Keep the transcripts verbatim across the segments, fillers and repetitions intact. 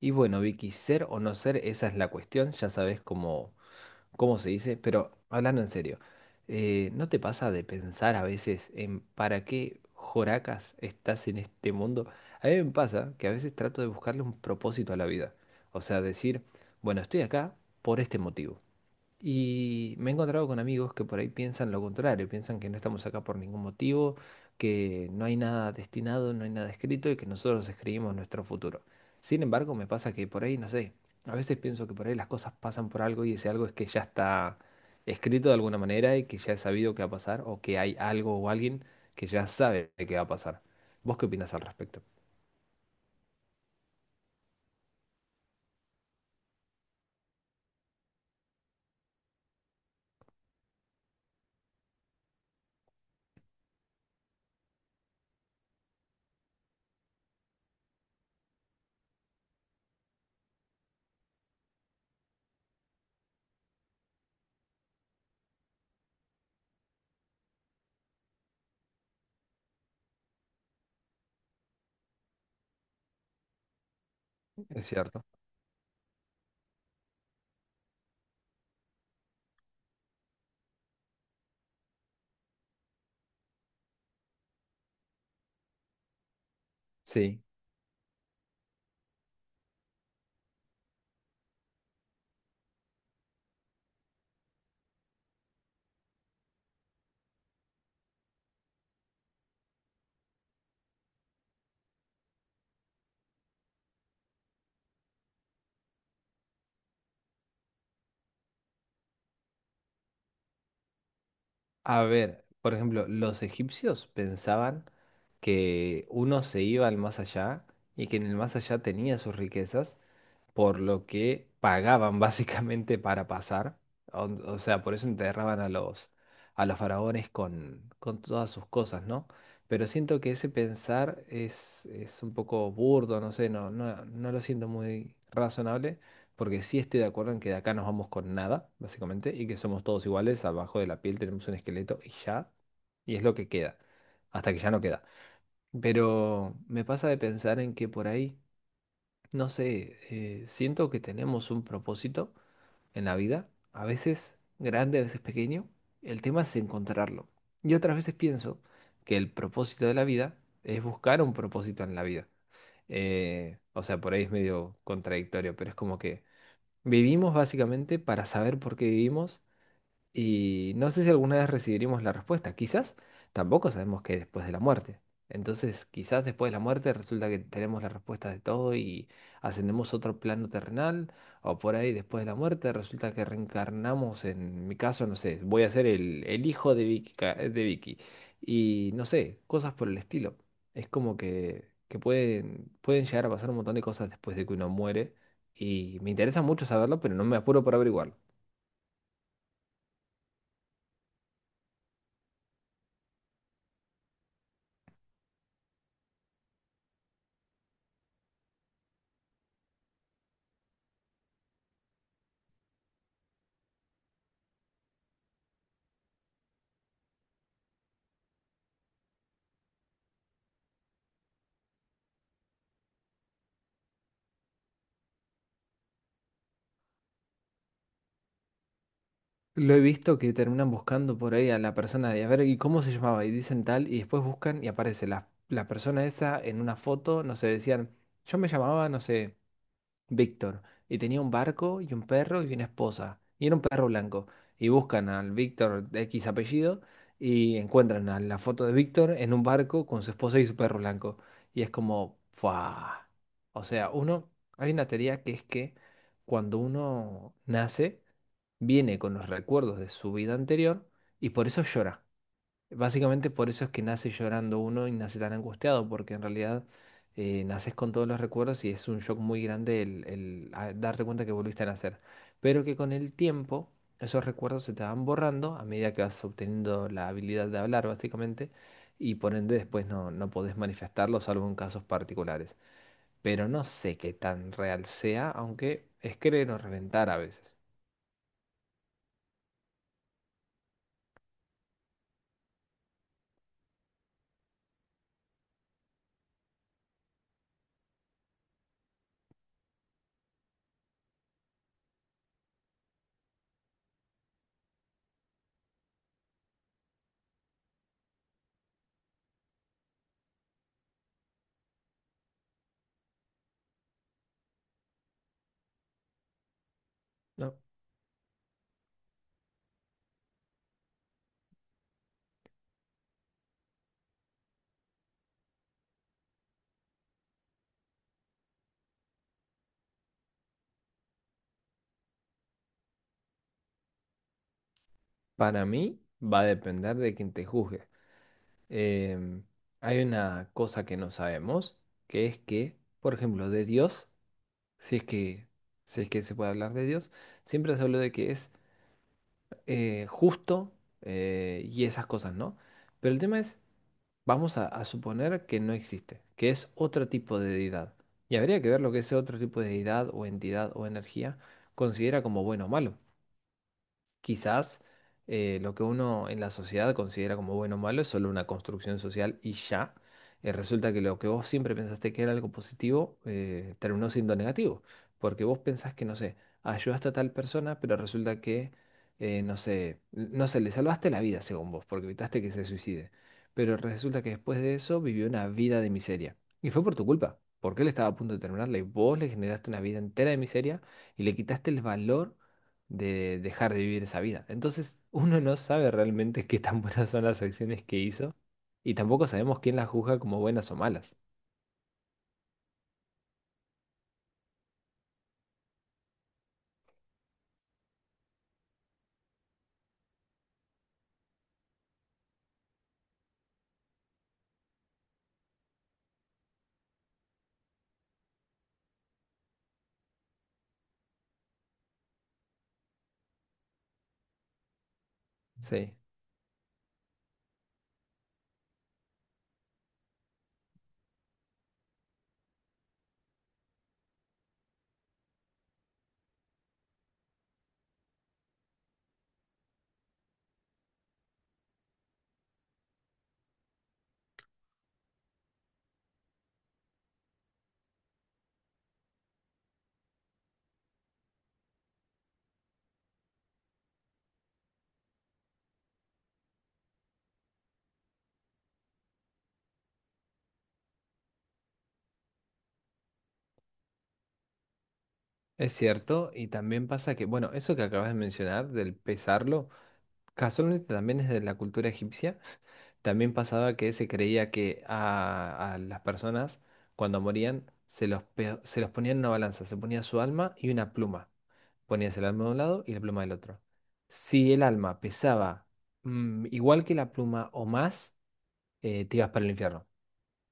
Y bueno, Vicky, ser o no ser, esa es la cuestión, ya sabes cómo, cómo se dice. Pero hablando en serio, eh, ¿no te pasa de pensar a veces en para qué joracas estás en este mundo? A mí me pasa que a veces trato de buscarle un propósito a la vida, o sea, decir, bueno, estoy acá por este motivo. Y me he encontrado con amigos que por ahí piensan lo contrario, piensan que no estamos acá por ningún motivo, que no hay nada destinado, no hay nada escrito y que nosotros escribimos nuestro futuro. Sin embargo, me pasa que por ahí, no sé, a veces pienso que por ahí las cosas pasan por algo y ese algo es que ya está escrito de alguna manera y que ya he sabido que va a pasar o que hay algo o alguien que ya sabe que va a pasar. ¿Vos qué opinas al respecto? Es cierto. Sí. A ver, por ejemplo, los egipcios pensaban que uno se iba al más allá y que en el más allá tenía sus riquezas por lo que pagaban básicamente para pasar. O, o sea, por eso enterraban a los, a los faraones con, con todas sus cosas, ¿no? Pero siento que ese pensar es, es un poco burdo, no sé, no, no, no lo siento muy razonable, porque sí estoy de acuerdo en que de acá nos vamos con nada, básicamente, y que somos todos iguales, abajo de la piel tenemos un esqueleto y ya, y es lo que queda, hasta que ya no queda. Pero me pasa de pensar en que por ahí... No sé, eh, siento que tenemos un propósito en la vida, a veces grande, a veces pequeño. El tema es encontrarlo. Y otras veces pienso que el propósito de la vida es buscar un propósito en la vida. Eh, o sea, por ahí es medio contradictorio, pero es como que vivimos básicamente para saber por qué vivimos y no sé si alguna vez recibiremos la respuesta. Quizás tampoco sabemos qué es después de la muerte. Entonces, quizás después de la muerte resulta que tenemos la respuesta de todo y ascendemos a otro plano terrenal. O por ahí, después de la muerte, resulta que reencarnamos. En mi caso, no sé, voy a ser el, el hijo de Vicky, ca- eh, de Vicky. Y no sé, cosas por el estilo. Es como que, que pueden, pueden llegar a pasar un montón de cosas después de que uno muere. Y me interesa mucho saberlo, pero no me apuro por averiguarlo. Lo he visto que terminan buscando por ahí a la persona de, a ver, ¿y cómo se llamaba? Y dicen tal, y después buscan y aparece la, la persona esa en una foto, no sé, decían, yo me llamaba, no sé. Víctor, y tenía un barco y un perro y una esposa, y era un perro blanco. Y buscan al Víctor de X apellido y encuentran a la foto de Víctor en un barco con su esposa y su perro blanco. Y es como, ¡fua! O sea, uno, hay una teoría que es que cuando uno nace, viene con los recuerdos de su vida anterior y por eso llora. Básicamente por eso es que nace llorando uno y nace tan angustiado, porque en realidad eh, naces con todos los recuerdos y es un shock muy grande el, el a- darte cuenta que volviste a nacer. Pero que con el tiempo esos recuerdos se te van borrando a medida que vas obteniendo la habilidad de hablar, básicamente, y por ende después no, no podés manifestarlo, salvo en casos particulares. Pero no sé qué tan real sea, aunque es querer o reventar a veces. No. Para mí va a depender de quien te juzgue. em, Hay una cosa que no sabemos, que es que, por ejemplo, de Dios, si es que, si es que se puede hablar de Dios, siempre se habla de que es eh, justo eh, y esas cosas, ¿no? Pero el tema es, vamos a, a suponer que no existe, que es otro tipo de deidad. Y habría que ver lo que ese otro tipo de deidad o entidad o energía considera como bueno o malo. Quizás eh, lo que uno en la sociedad considera como bueno o malo es solo una construcción social y ya. Eh, resulta que lo que vos siempre pensaste que era algo positivo eh, terminó siendo negativo, porque vos pensás que, no sé, ayudaste a tal persona, pero resulta que, eh, no sé, n- no sé, le salvaste la vida según vos, porque evitaste que se suicide, pero resulta que después de eso vivió una vida de miseria. Y fue por tu culpa, porque él estaba a punto de terminarla y vos le generaste una vida entera de miseria y le quitaste el valor de dejar de vivir esa vida. Entonces, uno no sabe realmente qué tan buenas son las acciones que hizo y tampoco sabemos quién las juzga como buenas o malas. Sí, es cierto. Y también pasa que, bueno, eso que acabas de mencionar, del pesarlo, casualmente también es de la cultura egipcia. También pasaba que se creía que a, a las personas, cuando morían, se los, pe- se los ponía en una balanza, se ponía su alma y una pluma. Ponías el alma de un lado y la pluma del otro. Si el alma pesaba mm, igual que la pluma o más, eh, te ibas para el infierno.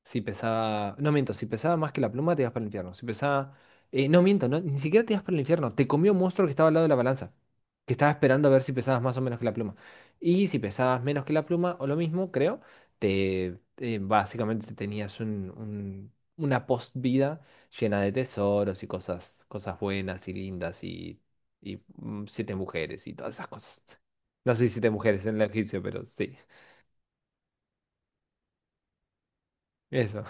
Si pesaba. No miento, si pesaba más que la pluma, te ibas para el infierno. Si pesaba. Eh, no miento, no, ni siquiera te ibas para el infierno. Te comió un monstruo que estaba al lado de la balanza. Que estaba esperando a ver si pesabas más o menos que la pluma. Y si pesabas menos que la pluma, o lo mismo, creo, te eh, básicamente tenías un- un- una post-vida llena de tesoros y cosas, cosas buenas y lindas y, y mm, siete mujeres y todas esas cosas. No sé si siete mujeres en el egipcio, pero sí. Eso.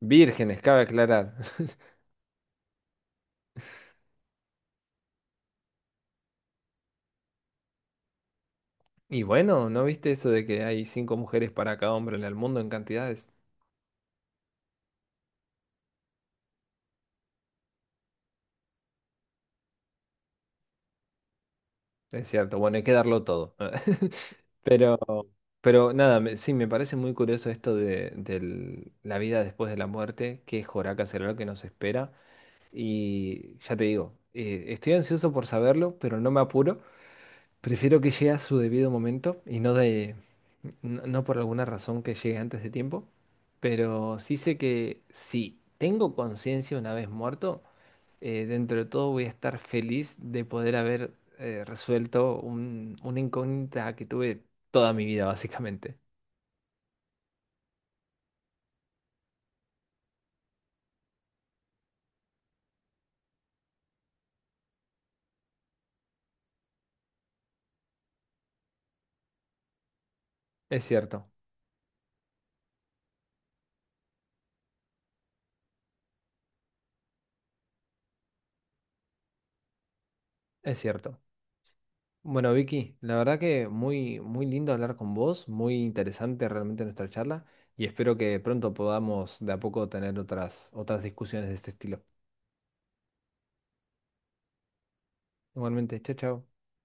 Vírgenes, cabe aclarar. Y bueno, ¿no viste eso de que hay cinco mujeres para cada hombre en el mundo en cantidades? Es cierto, bueno, hay que darlo todo. Pero, pero nada, me- sí, me parece muy curioso esto de, del- la vida después de la muerte, qué joraca será lo que nos espera. Y ya te digo, eh, estoy ansioso por saberlo, pero no me apuro. Prefiero que llegue a su debido momento y no de, no, no por alguna razón que llegue antes de tiempo, pero sí sé que si tengo conciencia una vez muerto, eh, dentro de todo voy a estar feliz de poder haber eh, resuelto un, una incógnita que tuve toda mi vida, básicamente. Es cierto, es cierto. Bueno, Vicky, la verdad que muy, muy lindo hablar con vos, muy interesante realmente nuestra charla y espero que pronto podamos de a poco tener otras, otras discusiones de este estilo. Igualmente, chao, chao.